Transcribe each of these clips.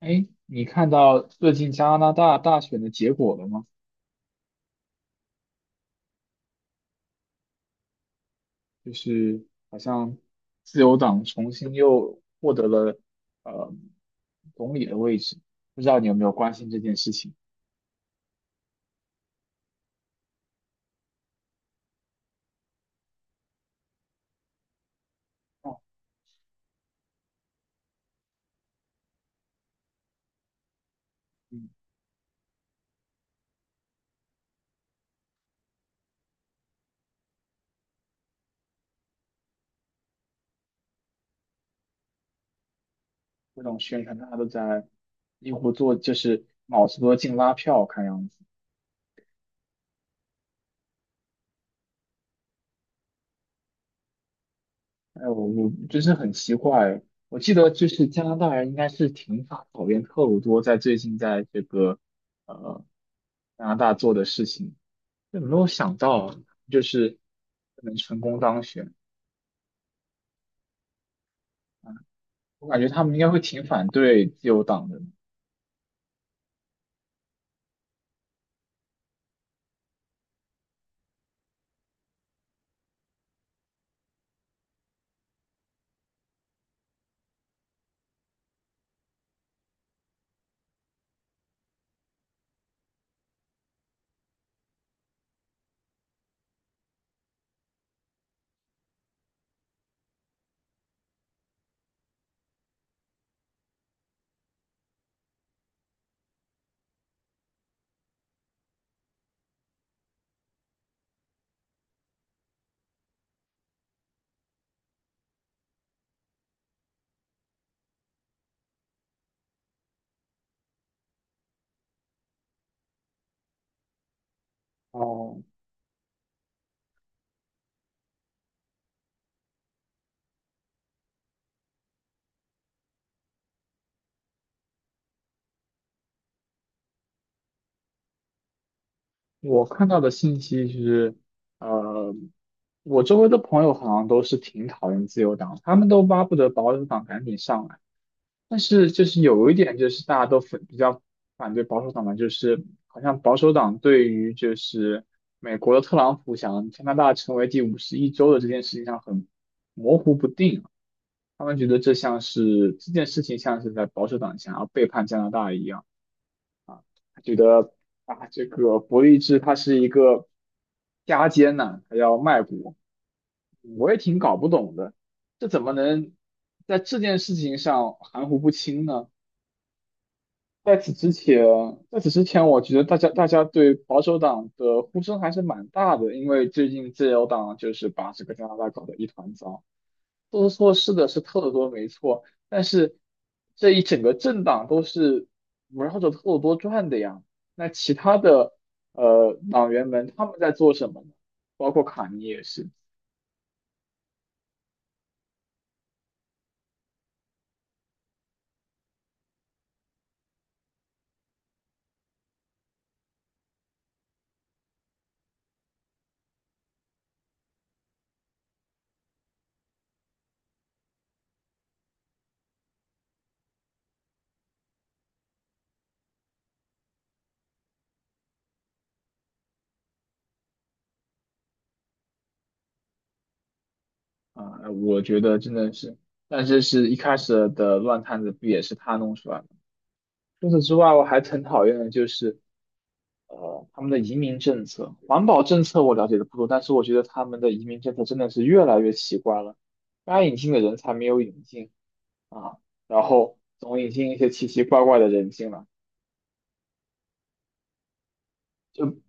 哎，你看到最近加拿大大选的结果了吗？就是好像自由党重新又获得了呃总理的位置，不知道你有没有关心这件事情？哦。嗯。各种宣传大家都在几乎做，就是卯足了进拉票，看样子。哎，我真是很奇怪，我记得就是加拿大人应该是挺讨厌特鲁多在最近在这个呃加拿大做的事情。有没有想到就是能成功当选？我感觉他们应该会挺反对自由党的。哦。我看到的信息是，呃，我周围的朋友好像都是挺讨厌自由党，他们都巴不得保守党赶紧上来。但是就是有一点，就是大家都反比较反对保守党的，就是好像保守党对于就是美国的特朗普想加拿大成为第五十一州的这件事情上很模糊不定。他们觉得这像是这件事情像是在保守党想要背叛加拿大一样，他觉得啊，这个伯利兹他是一个加奸呐、他要卖国，我也挺搞不懂的，这怎么能在这件事情上含糊不清呢？在此之前，在此之前，我觉得大家对保守党的呼声还是蛮大的，因为最近自由党就是把这个加拿大搞得一团糟。做错事的是特鲁多没错，但是这一整个政党都是围绕着特鲁多转的呀。那其他的党员们他们在做什么呢？包括卡尼也是啊、我觉得真的是，但是是一开始的乱摊子，不也是他弄出来的？除此之外，我还很讨厌的就是他们的移民政策、环保政策，我了解的不多，但是我觉得他们的移民政策真的是越来越奇怪了。该引进的人才没有引进。啊。然后总引进一些奇奇怪怪的人进来，就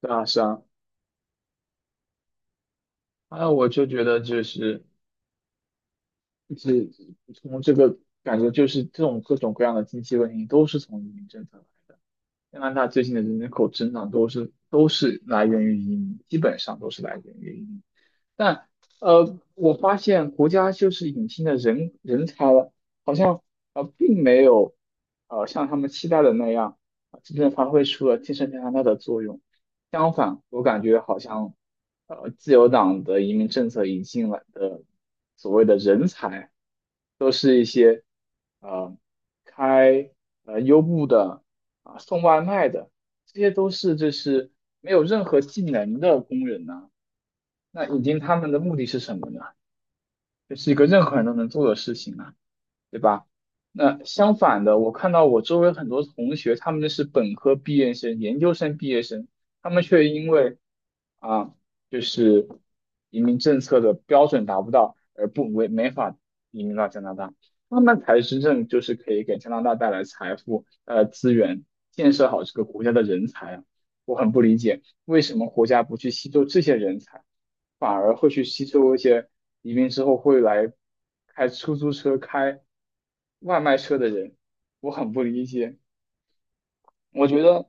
对啊是啊，还有我就觉得就是是从这个感觉就是这种各种各样的经济问题都是从移民政策来的。加拿大最近的人口增长都是来源于移民，基本上都是来源于移民。但我发现国家就是引进的人才了，好像并没有像他们期待的那样，真正发挥出了建设加拿大的作用。相反，我感觉好像自由党的移民政策引进来的所谓的人才，呃，开优步的啊、送外卖的，这些都是就是没有任何技能的工人呢。那引进他们的目的是什么呢？这是一个任何人都能做的事情啊，对吧？那相反的，我看到我周围很多同学，他们是本科毕业生、研究生毕业生，他们却因为啊，就是移民政策的标准达不到，而不没法移民到加拿大。他们才真正就是可以给加拿大带来财富、资源、建设好这个国家的人才啊！我很不理解。为什么国家不去吸收这些人才，反而会去吸收一些移民之后会来开出租车、开外卖车的人？我很不理解。我觉得。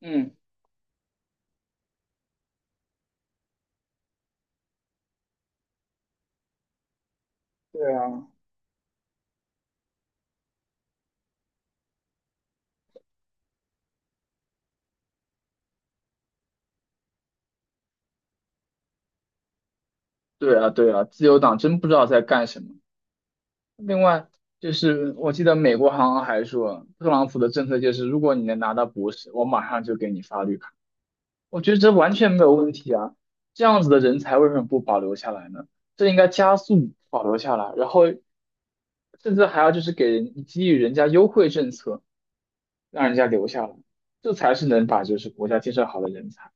嗯。对啊，对啊，对啊，自由党真不知道在干什么。另外，就是我记得美国好像还说，特朗普的政策就是，如果你能拿到博士，我马上就给你发绿卡。我觉得这完全没有问题啊，这样子的人才为什么不保留下来呢？这应该加速保留下来，然后甚至还要就是给予人家优惠政策，让人家留下来，这才是能把就是国家建设好的人才。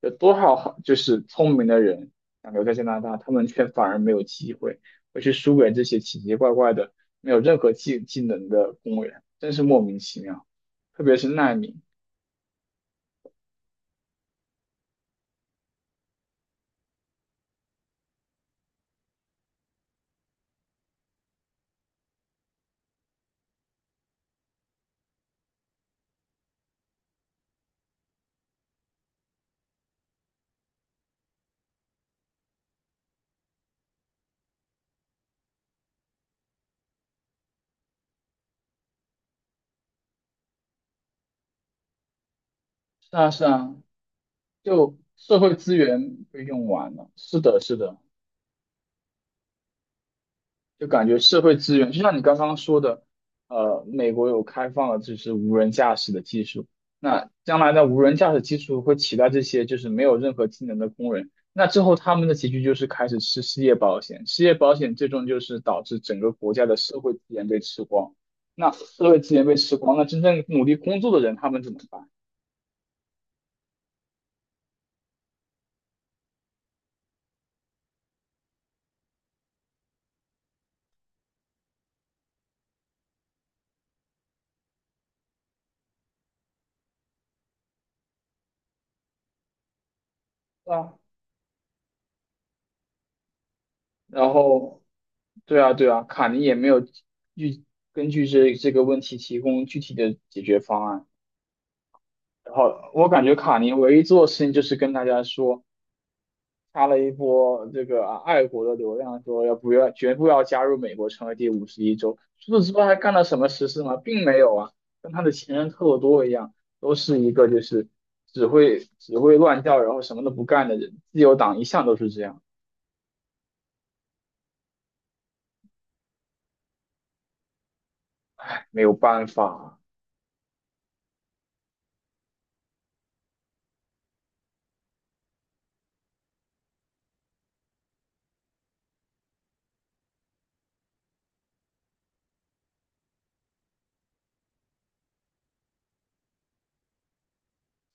有多少好就是聪明的人想留在加拿大，他们却反而没有机会，会去输给这些奇奇怪怪的、没有任何技能的公务员，真是莫名其妙。特别是难民。是啊，是啊，就社会资源被用完了。是的，是的，就感觉社会资源，就像你刚刚说的，美国有开放了就是无人驾驶的技术，那将来的无人驾驶技术会取代这些就是没有任何技能的工人，那之后他们的结局就是开始吃失业保险，失业保险最终就是导致整个国家的社会资源被吃光。那社会资源被吃光，那真正努力工作的人他们怎么办？对吧？然后，对啊，对啊，卡尼也没有具根据这个问题提供具体的解决方案。然后我感觉卡尼唯一做的事情就是跟大家说，发了一波这个啊爱国的流量，说绝不要加入美国，成为第五十一州。除此之外还干了什么实事吗？并没有啊，跟他的前任特鲁多一样，都是一个就是只会乱叫，然后什么都不干的人。自由党一向都是这样，没有办法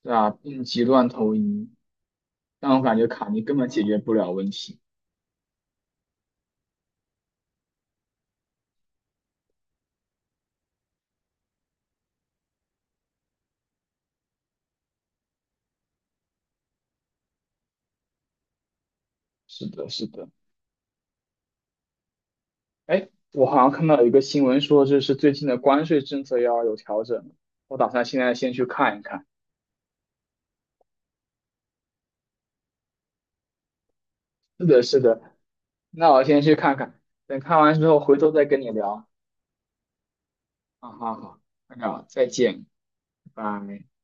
啊，病急乱投医。但我感觉卡尼根本解决不了问题。是的，是的。哎，我好像看到有一个新闻说，就是最近的关税政策要有调整，我打算现在先去看一看。是的，是的。那我先去看看，等看完之后回头再跟你聊。啊，好好，那个再见，拜拜。